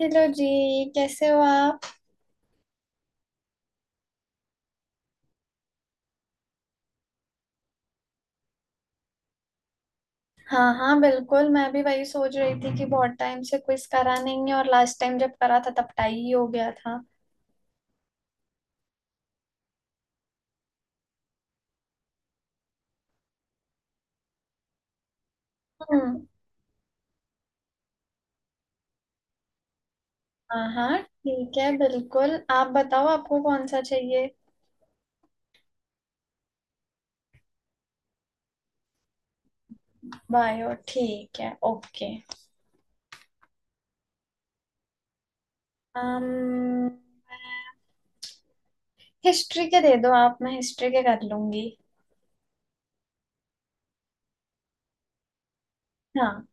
Hello जी। कैसे हो आप। हाँ हाँ, बिल्कुल मैं भी वही सोच रही थी कि बहुत टाइम से क्विज करा नहीं है, और लास्ट टाइम जब करा था तब टाई ही हो गया था। हम्म। हाँ हाँ ठीक है, बिल्कुल आप बताओ, आपको कौन सा चाहिए। बायो, ठीक है, ओके। um, हिस्ट्री के दे दो आप, मैं हिस्ट्री के कर लूंगी। हाँ,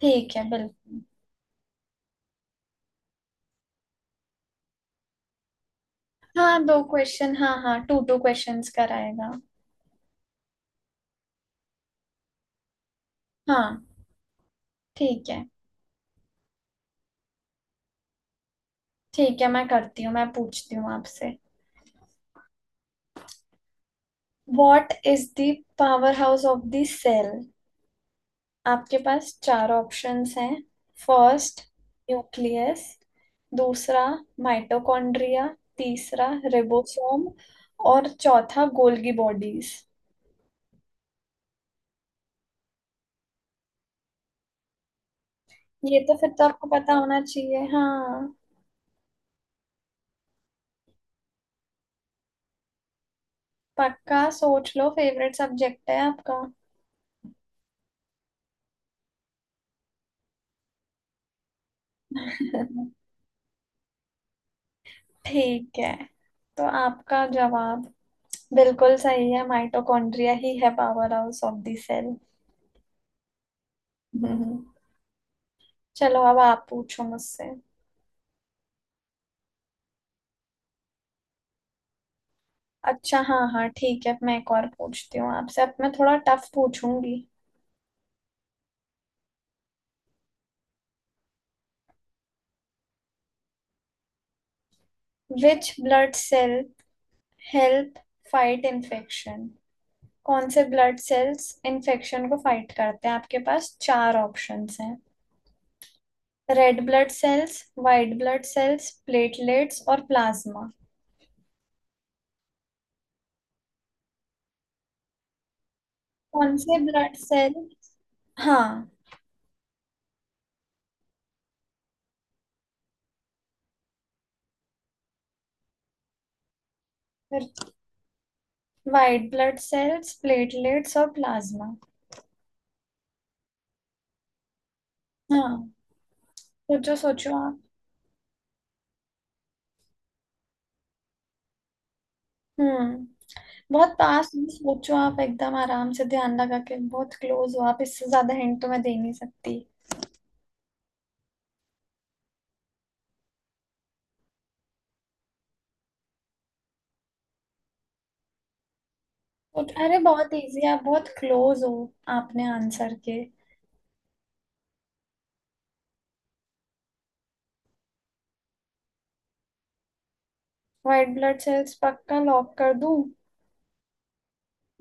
ठीक है बिल्कुल। हाँ दो क्वेश्चन, हाँ हाँ टू टू क्वेश्चंस कराएगा। हाँ। ठीक है ठीक है, मैं करती हूँ, मैं पूछती हूँ आपसे। What is the power house of the cell. आपके पास चार ऑप्शंस हैं। फर्स्ट न्यूक्लियस, दूसरा माइटोकॉन्ड्रिया, तीसरा रिबोसोम, और चौथा गोल्गी बॉडीज। ये तो फिर तो आपको पता होना चाहिए, हाँ। पक्का सोच लो, फेवरेट सब्जेक्ट है आपका। ठीक है, तो आपका जवाब बिल्कुल सही है, माइटोकॉन्ड्रिया ही है power house of the cell. चलो अब आप पूछो मुझसे। अच्छा हाँ हाँ ठीक है, मैं एक और पूछती हूँ आपसे, अब मैं थोड़ा टफ पूछूंगी। Which blood cell help fight infection. कौन से ब्लड सेल्स इन्फेक्शन को फाइट करते हैं। आपके पास चार ऑप्शंस हैं। Red blood cells, white blood cells, platelets और प्लाज्मा। कौन से ब्लड सेल, हाँ। वाइट ब्लड सेल्स, प्लेटलेट्स और प्लाज्मा। हाँ, सोचो सोचो आप। हम्म। बहुत पास में सोचो आप, एकदम आराम से ध्यान लगा के, बहुत क्लोज हो आप, इससे ज्यादा हिंट तो मैं दे नहीं सकती। अरे बहुत इजी, आप बहुत क्लोज हो आपने आंसर के। व्हाइट ब्लड सेल्स, पक्का लॉक कर दूं।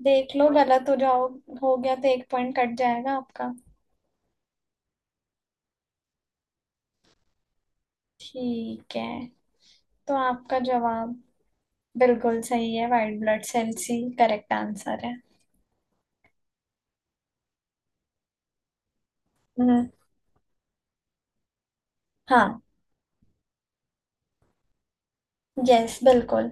देख लो, गलत हो जाओ हो गया तो एक पॉइंट कट जाएगा आपका। ठीक है, तो आपका जवाब बिल्कुल सही है, व्हाइट ब्लड सेल्स ही करेक्ट आंसर है। हम्म। हाँ। यस बिल्कुल।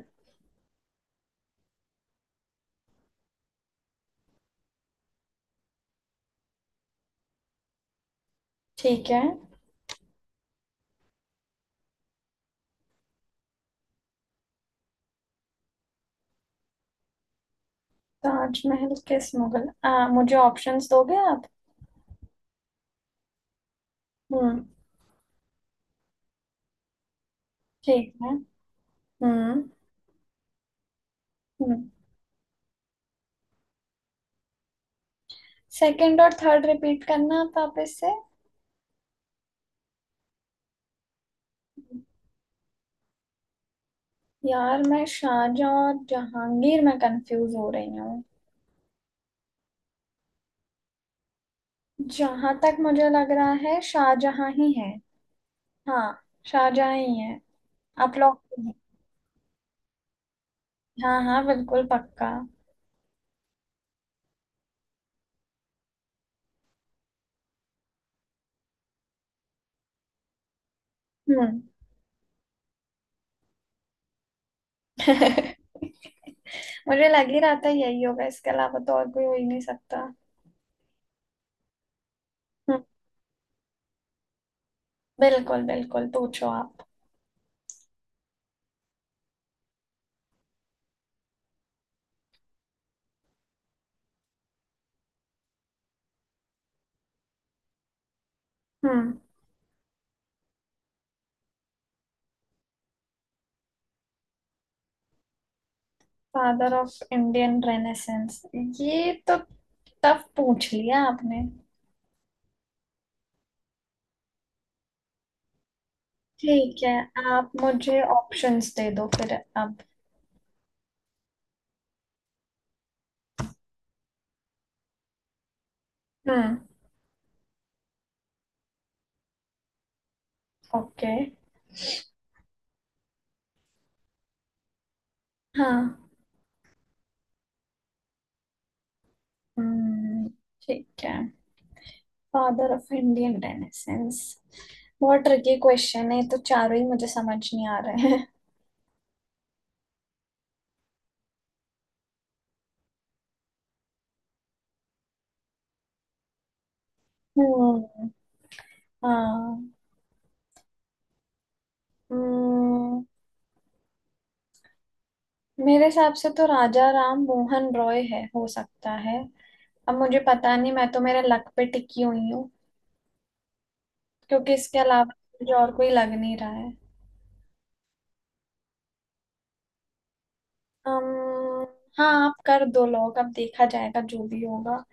ठीक है। ताजमहल किस मुगल, मुझे ऑप्शंस दोगे आप। हम्म। ठीक है। हम्म। सेकंड और थर्ड रिपीट करना आप वापस से। यार मैं शाहजहां और जहांगीर में कंफ्यूज हो रही हूँ। जहां तक मुझे लग रहा है शाहजहां ही है। हाँ, शाहजहां ही है, आप लोग। हाँ हाँ बिल्कुल पक्का। हम्म। मुझे लग ही रहा था यही होगा, इसके अलावा तो और कोई हो ही नहीं सकता। हम्म। बिल्कुल बिल्कुल पूछो आप। हम्म। फादर ऑफ इंडियन रेनेसेंस, ये तो टफ पूछ लिया आपने। ठीक है, आप मुझे ऑप्शंस दे दो फिर, अब। हम्म। ओके। हाँ। हम्म। ठीक है। फादर ऑफ इंडियन रेनेसेंस बहुत ट्रिकी क्वेश्चन है, तो चारों ही मुझे समझ नहीं आ रहे हैं। हम्म। हाँ। हम्म। मेरे हिसाब से तो राजा राम मोहन रॉय है, हो सकता है। अब मुझे पता नहीं, मैं तो मेरे लक पे टिकी हुई हूँ, क्योंकि इसके अलावा मुझे और कोई लग नहीं रहा है। अम्म, हाँ आप कर दो लोग, अब देखा जाएगा जो भी होगा।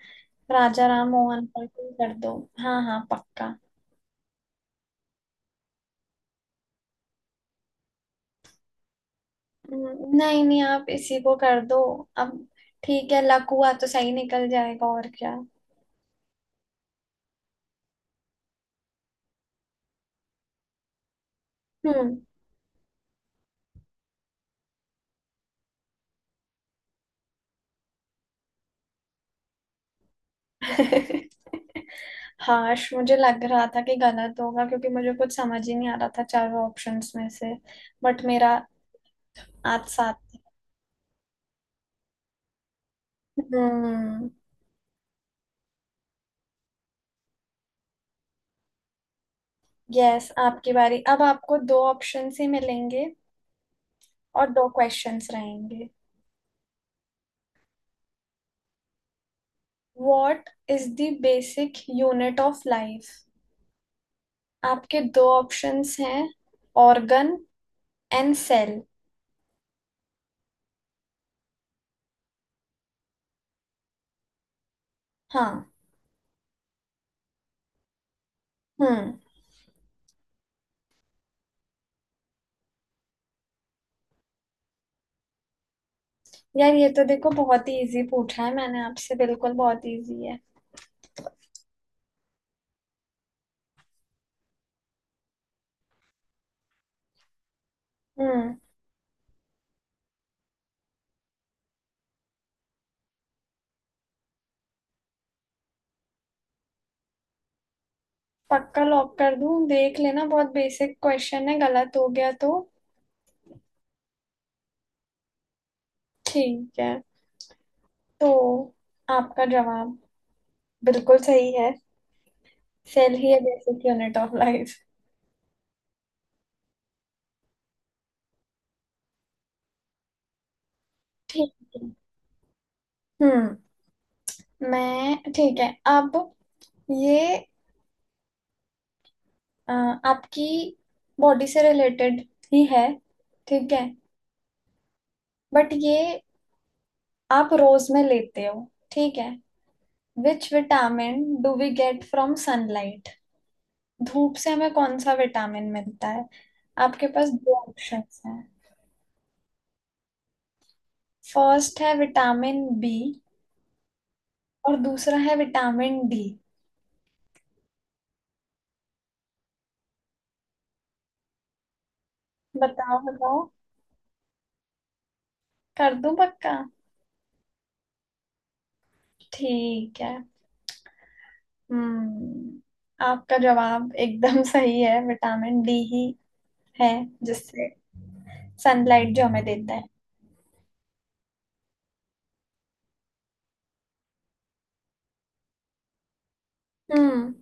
राजा राम मोहन पर कोई कर दो। हाँ हाँ पक्का। नहीं नहीं आप इसी को कर दो अब। ठीक है, लक हुआ तो सही निकल जाएगा, और क्या। हम्म। हाश, मुझे लग रहा था कि गलत होगा क्योंकि मुझे कुछ समझ ही नहीं आ रहा था चारों ऑप्शंस में से। बट मेरा आज साथ। हम्म। यस आपकी बारी। अब आपको दो ऑप्शंस ही मिलेंगे और दो क्वेश्चंस रहेंगे। What is the basic unit of life. आपके दो ऑप्शंस हैं। Organ and cell. हाँ। हम्म। यार ये तो देखो बहुत ही इजी पूछा है मैंने आपसे, बिल्कुल बहुत इजी है। हम्म। पक्का लॉक कर दूं, देख लेना बहुत बेसिक क्वेश्चन है, गलत हो गया तो। ठीक है, तो आपका जवाब बिल्कुल सही है, सेल ही है बेसिक यूनिट ऑफ लाइफ। ठीक है। हम्म। मैं ठीक है। अब ये अ, आपकी बॉडी से रिलेटेड ही है, ठीक है, बट ये आप रोज में लेते हो, ठीक है। Which vitamin do we get from sunlight. धूप से हमें कौन सा विटामिन मिलता है। आपके पास दो ऑप्शंस हैं। फर्स्ट है विटामिन बी, और दूसरा है विटामिन डी। बताओ बताओ, कर दूं पक्का। ठीक है। हम्म। आपका जवाब एकदम सही है, विटामिन डी ही है जिससे सनलाइट जो हमें देता है। हम्म।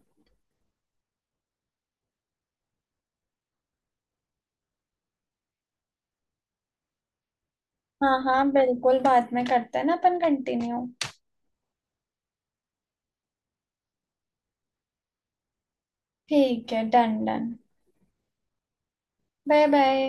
हाँ हाँ बिल्कुल, बाद में करते हैं ना अपन कंटिन्यू। ठीक है, डन डन। Bye bye.